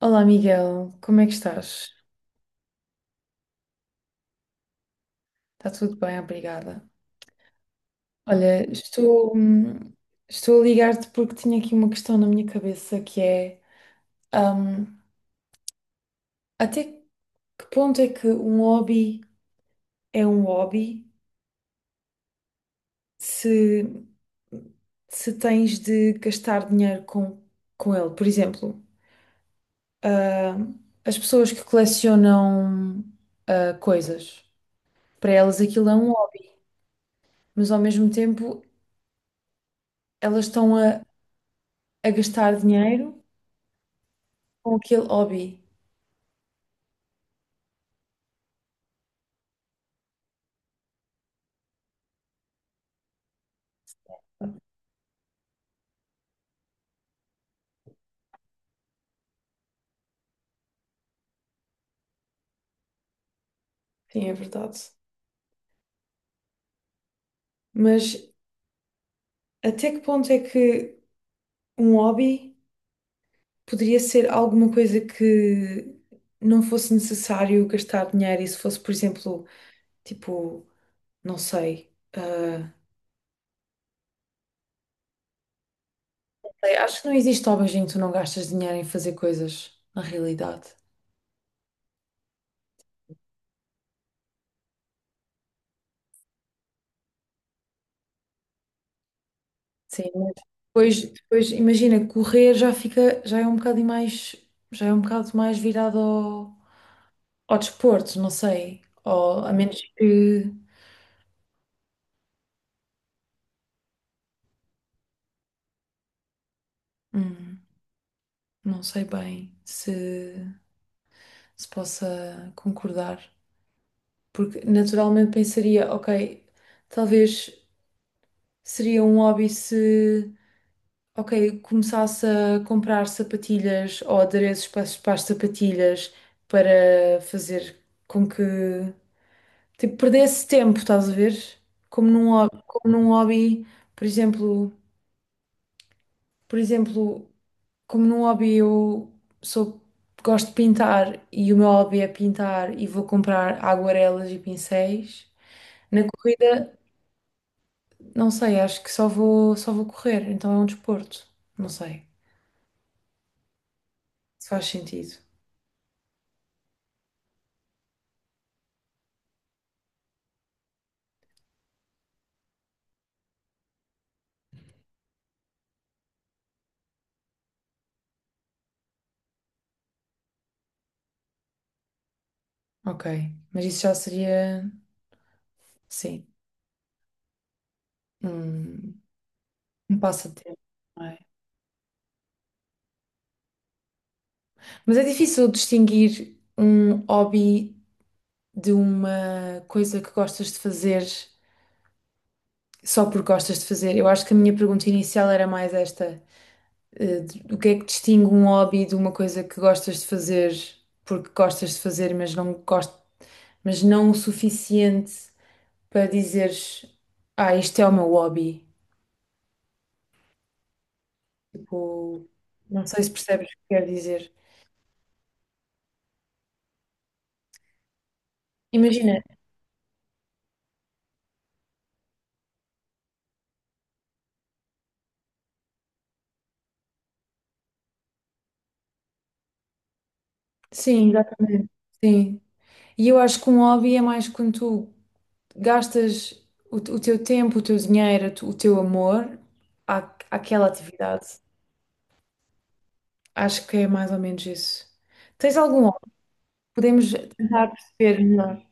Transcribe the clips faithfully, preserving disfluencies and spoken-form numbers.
Olá, Miguel, como é que estás? Está tudo bem, obrigada. Olha, estou, hum, estou a ligar-te porque tinha aqui uma questão na minha cabeça que é, hum, até que ponto é que um hobby é um hobby se, se tens de gastar dinheiro com, com ele? Por exemplo, hum, as pessoas que colecionam, ah, coisas, para elas aquilo é um hobby, mas ao mesmo tempo elas estão a a gastar dinheiro com aquele hobby. Sim, é verdade. Mas até que ponto é que um hobby poderia ser alguma coisa que não fosse necessário gastar dinheiro e se fosse, por exemplo, tipo, não sei. ah, sei, acho que não existe hobbies em que tu não gastas dinheiro em fazer coisas, na realidade. Sim, mas depois, depois imagina, correr já fica, já é um bocado mais, já é um bocado mais virado ao, ao desporto, não sei. Ou a menos que. hum, Não sei bem se, se possa concordar, porque naturalmente pensaria, ok, talvez seria um hobby se, ok, começasse a comprar sapatilhas ou adereços para, as- para as sapatilhas para fazer com que, tipo, perdesse tempo, estás a ver? Como num, ho- como num hobby, por exemplo, por exemplo. Como num hobby eu sou, gosto de pintar e o meu hobby é pintar e vou comprar aguarelas e pincéis. Na corrida, não sei, acho que só vou, só vou correr, então é um desporto. Não sei se faz sentido. Ok, mas isso já seria, sim, um, um passatempo. Não é? Mas é difícil distinguir um hobby de uma coisa que gostas de fazer só porque gostas de fazer. Eu acho que a minha pergunta inicial era mais esta. Eh, O que é que distingue um hobby de uma coisa que gostas de fazer porque gostas de fazer, mas não gost... mas não o suficiente para dizeres, ah, isto é o meu hobby. Tipo, não sei se percebes o que quero dizer. Imagina, sim, exatamente. Sim. E eu acho que um hobby é mais quando tu gastas o, o teu tempo, o teu dinheiro, o teu amor à, àquela atividade. Acho que é mais ou menos isso. Tens algum hobby? Podemos tentar perceber melhor.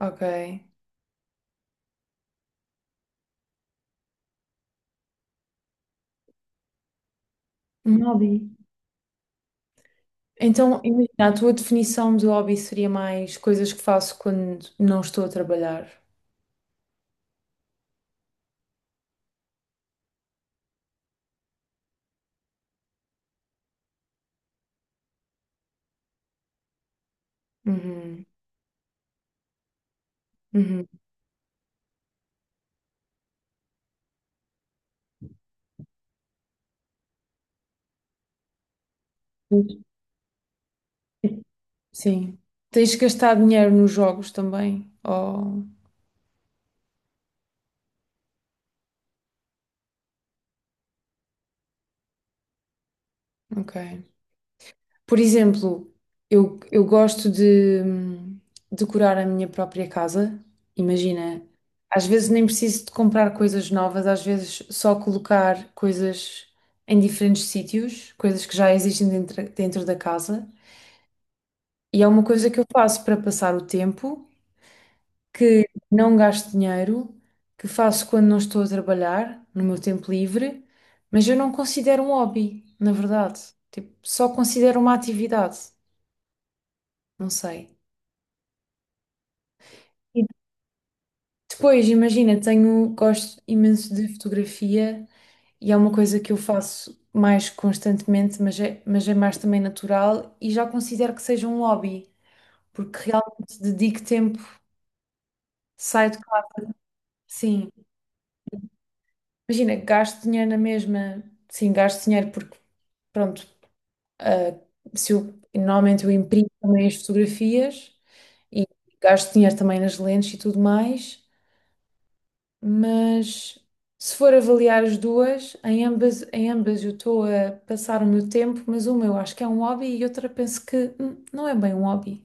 Ok. Um hobby. Então, imagina, a tua definição de hobby seria mais coisas que faço quando não estou a trabalhar. Uhum. Uhum. Sim. Tens gastado dinheiro nos jogos também? Oh, ok. Por exemplo, eu, eu gosto de hum, decorar a minha própria casa. Imagina, às vezes nem preciso de comprar coisas novas, às vezes só colocar coisas em diferentes sítios, coisas que já existem dentro, dentro da casa. E é uma coisa que eu faço para passar o tempo, que não gasto dinheiro, que faço quando não estou a trabalhar, no meu tempo livre, mas eu não considero um hobby, na verdade. Tipo, só considero uma atividade. Não sei. Depois, imagina, tenho, gosto imenso de fotografia e é uma coisa que eu faço mais constantemente, mas é, mas é mais também natural e já considero que seja um hobby, porque realmente dedico tempo, saio de casa. Sim, imagina, gasto dinheiro na mesma, sim, gasto dinheiro porque, pronto, ah, se eu, normalmente eu imprimo também as fotografias e gasto dinheiro também nas lentes e tudo mais. Mas se for avaliar as duas, em ambas, em ambas eu estou a passar o meu tempo, mas uma eu acho que é um hobby e outra penso que hum, não é bem um hobby.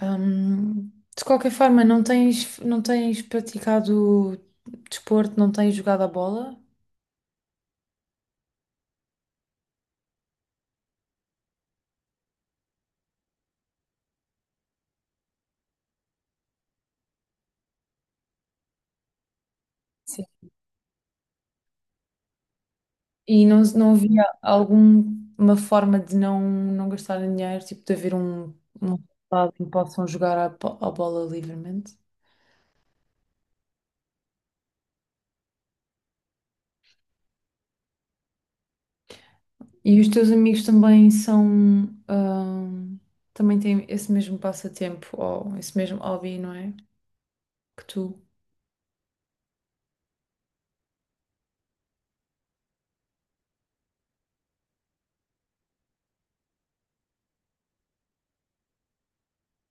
Hum, de qualquer forma, não tens, não tens praticado desporto, não tens jogado a bola. Sim. E não, não havia alguma forma de não, não gastarem dinheiro, tipo de haver um, um resultado em que possam jogar a, bo- a bola livremente? E os teus amigos também são, ahm, também têm esse mesmo passatempo ou esse mesmo hobby, não é? Que tu.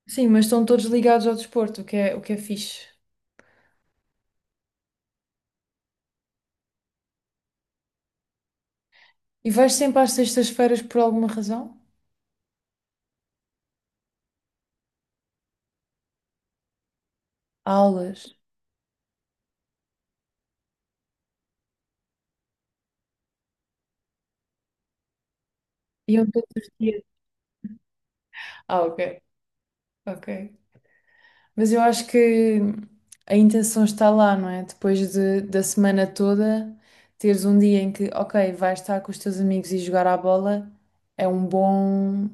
Sim, mas estão todos ligados ao desporto, o que é, o que é fixe. E vais sempre às sextas-feiras por alguma razão? Aulas. Iam todos os dias. Ah, ok, ok. Mas eu acho que a intenção está lá, não é? Depois de, da semana toda, teres um dia em que, ok, vais estar com os teus amigos e jogar à bola, é um bom.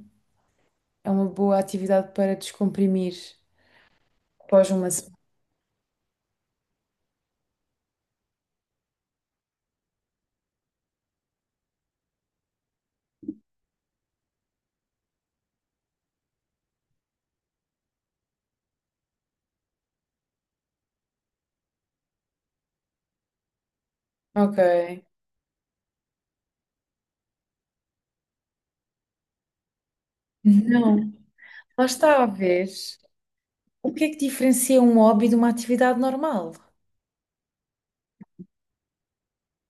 É uma boa atividade para descomprimir após uma semana. Ok. Não. Lá está a ver. O que é que diferencia um hobby de uma atividade normal?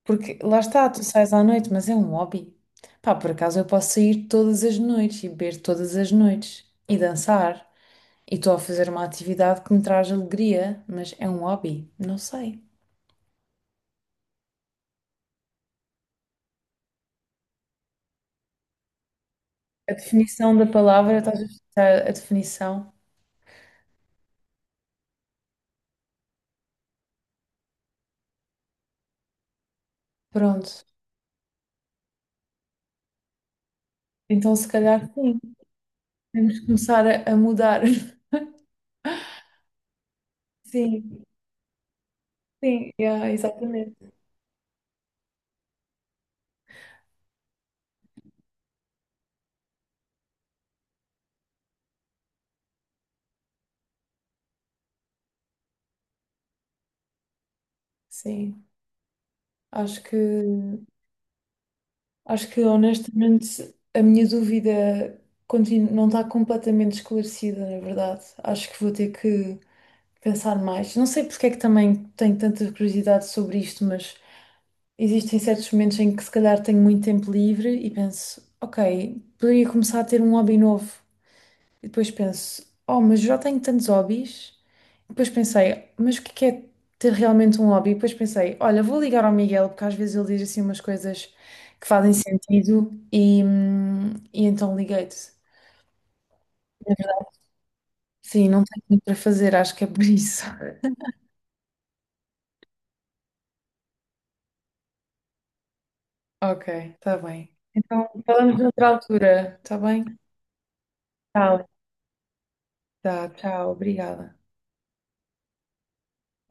Porque lá está, tu sais à noite, mas é um hobby. Pá, por acaso eu posso sair todas as noites e beber todas as noites e dançar. E estou a fazer uma atividade que me traz alegria, mas é um hobby. Não sei. A definição da palavra, estás a pensar a definição? Pronto. Então, se calhar, sim. Temos que começar a, a mudar. Sim, sim, yeah, exatamente. Sim, acho que acho que honestamente a minha dúvida continu- não está completamente esclarecida, na verdade. Acho que vou ter que pensar mais. Não sei porque é que também tenho tanta curiosidade sobre isto, mas existem certos momentos em que se calhar tenho muito tempo livre e penso, ok, poderia começar a ter um hobby novo. E depois penso, oh, mas já tenho tantos hobbies. E depois pensei, mas o que é que é ter realmente um hobby? E depois pensei, olha, vou ligar ao Miguel, porque às vezes ele diz assim umas coisas que fazem sentido e, hum, e então liguei-te. Na verdade, sim, não tenho muito para fazer, acho que é por isso. Ok, está bem. Então, falamos noutra altura, está bem? Tá, tá, tchau, obrigada.